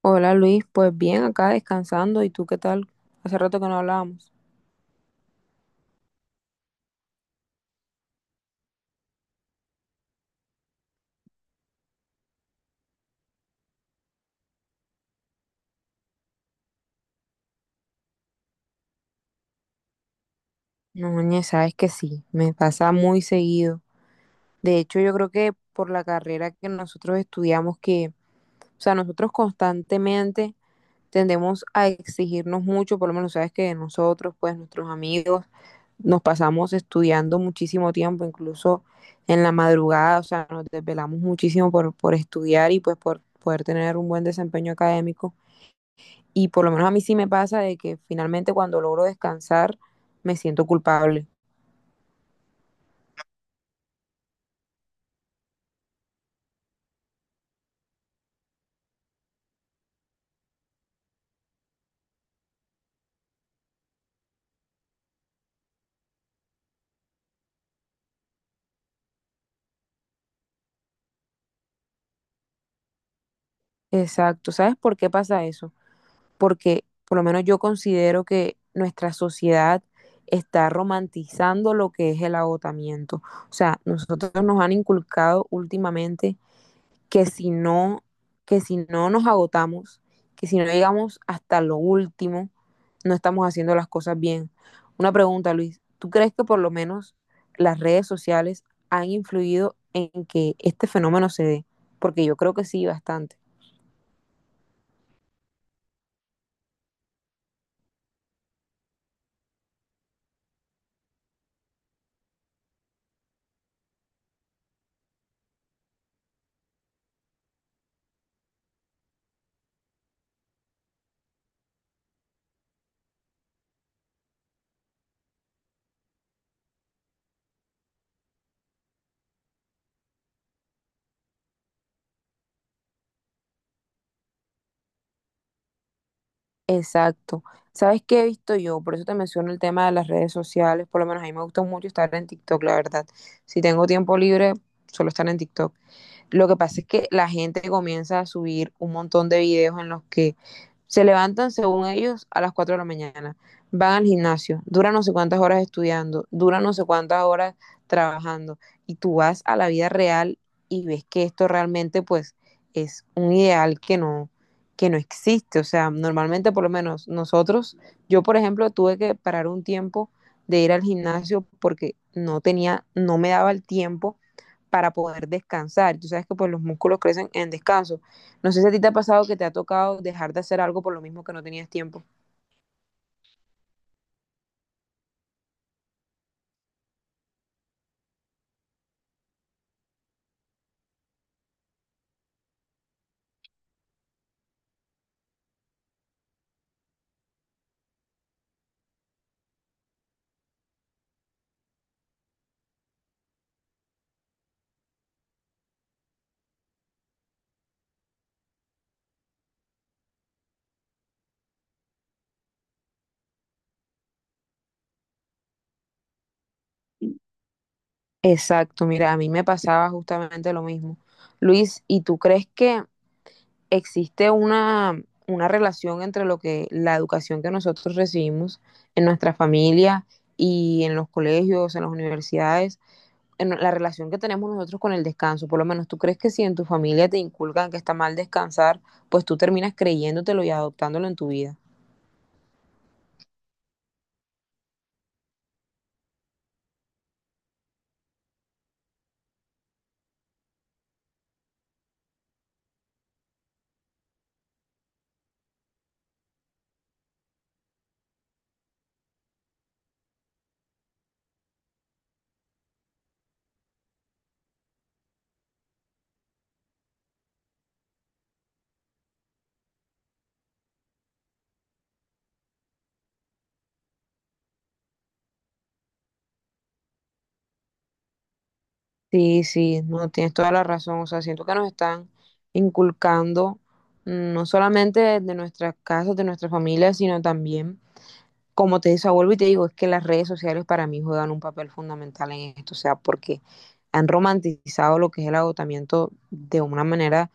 Hola Luis, pues bien, acá descansando. ¿Y tú qué tal? Hace rato que no hablábamos. No, ñe, sabes que sí, me pasa muy seguido. De hecho, yo creo que por la carrera que nosotros estudiamos, o sea, nosotros constantemente tendemos a exigirnos mucho, por lo menos sabes que nosotros, pues nuestros amigos, nos pasamos estudiando muchísimo tiempo, incluso en la madrugada, o sea, nos desvelamos muchísimo por estudiar y pues por poder tener un buen desempeño académico. Y por lo menos a mí sí me pasa de que finalmente cuando logro descansar me siento culpable. Exacto. ¿Sabes por qué pasa eso? Porque por lo menos yo considero que nuestra sociedad está romantizando lo que es el agotamiento. O sea, nosotros nos han inculcado últimamente que si no, que si no nos agotamos, que si no llegamos hasta lo último, no estamos haciendo las cosas bien. Una pregunta, Luis, ¿tú crees que por lo menos las redes sociales han influido en que este fenómeno se dé? Porque yo creo que sí, bastante. Exacto. ¿Sabes qué he visto yo? Por eso te menciono el tema de las redes sociales. Por lo menos a mí me gusta mucho estar en TikTok, la verdad. Si tengo tiempo libre, solo estar en TikTok. Lo que pasa es que la gente comienza a subir un montón de videos en los que se levantan, según ellos, a las 4 de la mañana. Van al gimnasio, duran no sé cuántas horas estudiando, duran no sé cuántas horas trabajando. Y tú vas a la vida real y ves que esto realmente, pues, es un ideal que no existe. O sea, normalmente, por lo menos nosotros, yo, por ejemplo, tuve que parar un tiempo de ir al gimnasio porque no me daba el tiempo para poder descansar. Tú sabes que pues los músculos crecen en descanso. No sé si a ti te ha pasado que te ha tocado dejar de hacer algo por lo mismo que no tenías tiempo. Exacto, mira, a mí me pasaba justamente lo mismo. Luis, ¿y tú crees que existe una relación entre lo que la educación que nosotros recibimos en nuestra familia y en los colegios, en las universidades, en la relación que tenemos nosotros con el descanso, por lo menos tú crees que si en tu familia te inculcan que está mal descansar, pues tú terminas creyéndotelo y adoptándolo en tu vida. Sí, sí, no tienes toda la razón, o sea, siento que nos están inculcando no solamente de nuestras casas, de nuestra familia, sino también como te decía, vuelvo y te digo, es que las redes sociales para mí juegan un papel fundamental en esto, o sea, porque han romantizado lo que es el agotamiento de una manera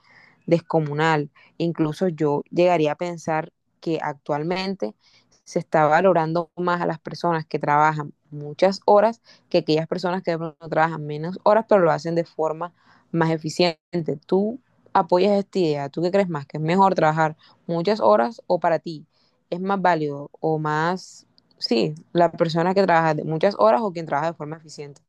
descomunal. Incluso yo llegaría a pensar que actualmente se está valorando más a las personas que trabajan muchas horas que aquellas personas que de pronto trabajan menos horas, pero lo hacen de forma más eficiente. ¿Tú apoyas esta idea? ¿Tú qué crees más? ¿Que es mejor trabajar muchas horas o para ti es más válido o más, sí, la persona que trabaja de muchas horas o quien trabaja de forma eficiente?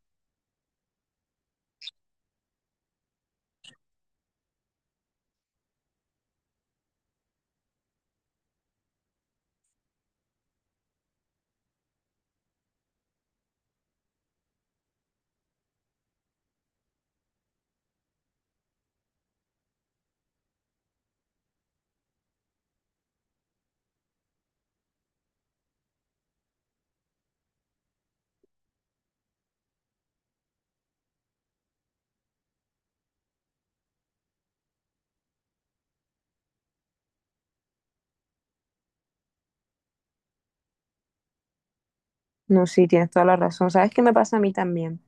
No, sí, tienes toda la razón. ¿Sabes qué me pasa a mí también?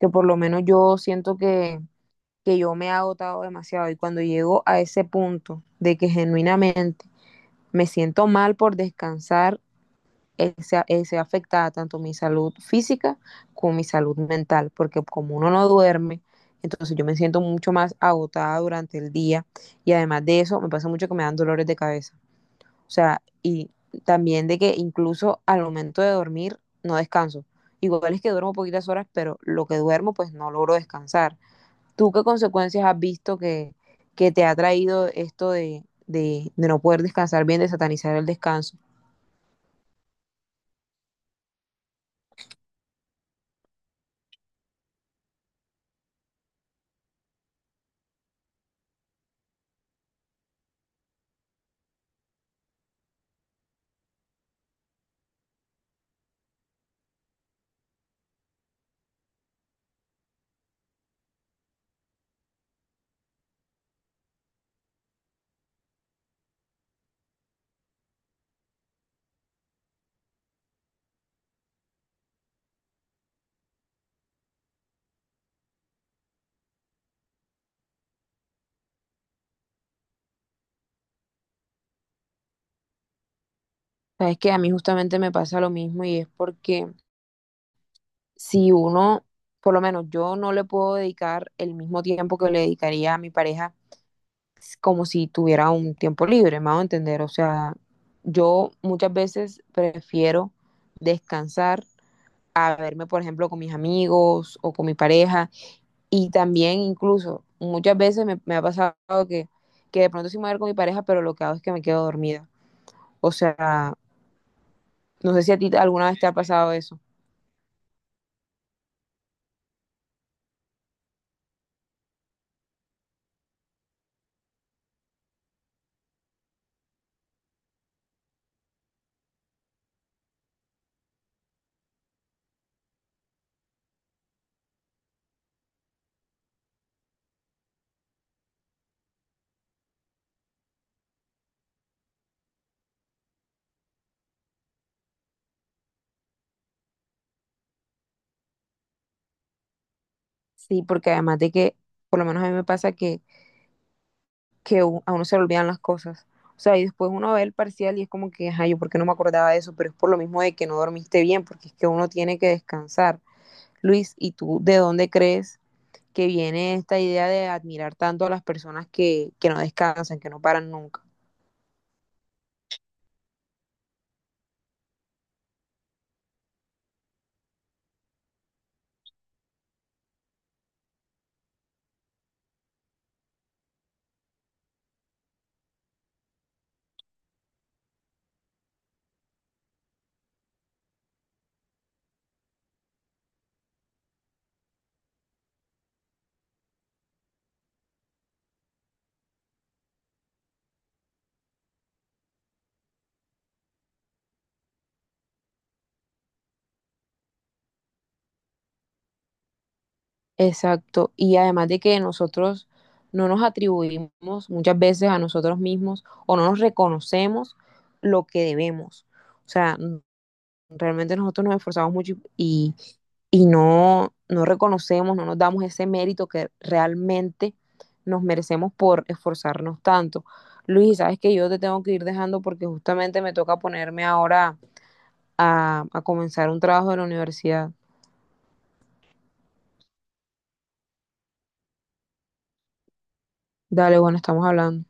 Que por lo menos yo siento que yo me he agotado demasiado y cuando llego a ese punto de que genuinamente me siento mal por descansar, se afecta tanto mi salud física como mi salud mental, porque como uno no duerme, entonces yo me siento mucho más agotada durante el día y además de eso me pasa mucho que me dan dolores de cabeza. O sea, y también de que incluso al momento de dormir no descanso. Igual es que duermo poquitas horas, pero lo que duermo pues no logro descansar. ¿Tú qué consecuencias has visto que te ha traído esto de no poder descansar bien, de satanizar el descanso? Sabes que a mí justamente me pasa lo mismo y es porque si uno, por lo menos yo no le puedo dedicar el mismo tiempo que le dedicaría a mi pareja como si tuviera un tiempo libre, me hago entender. O sea, yo muchas veces prefiero descansar a verme, por ejemplo, con mis amigos o con mi pareja. Y también incluso muchas veces me ha pasado que, que de pronto sí me voy a ver con mi pareja, pero lo que hago es que me quedo dormida. O sea, no sé si a ti alguna vez te ha pasado eso. Sí, porque además de que, por lo menos a mí me pasa que a uno se le olvidan las cosas. O sea, y después uno ve el parcial y es como que, ay, yo por qué no me acordaba de eso, pero es por lo mismo de que no dormiste bien, porque es que uno tiene que descansar. Luis, ¿y tú de dónde crees que viene esta idea de admirar tanto a las personas que no descansan, que no paran nunca? Exacto, y además de que nosotros no nos atribuimos muchas veces a nosotros mismos o no nos reconocemos lo que debemos. O sea, realmente nosotros nos esforzamos mucho y no reconocemos, no nos damos ese mérito que realmente nos merecemos por esforzarnos tanto. Luis, sabes que yo te tengo que ir dejando porque justamente me toca ponerme ahora a comenzar un trabajo de la universidad. Dale, bueno, estamos hablando.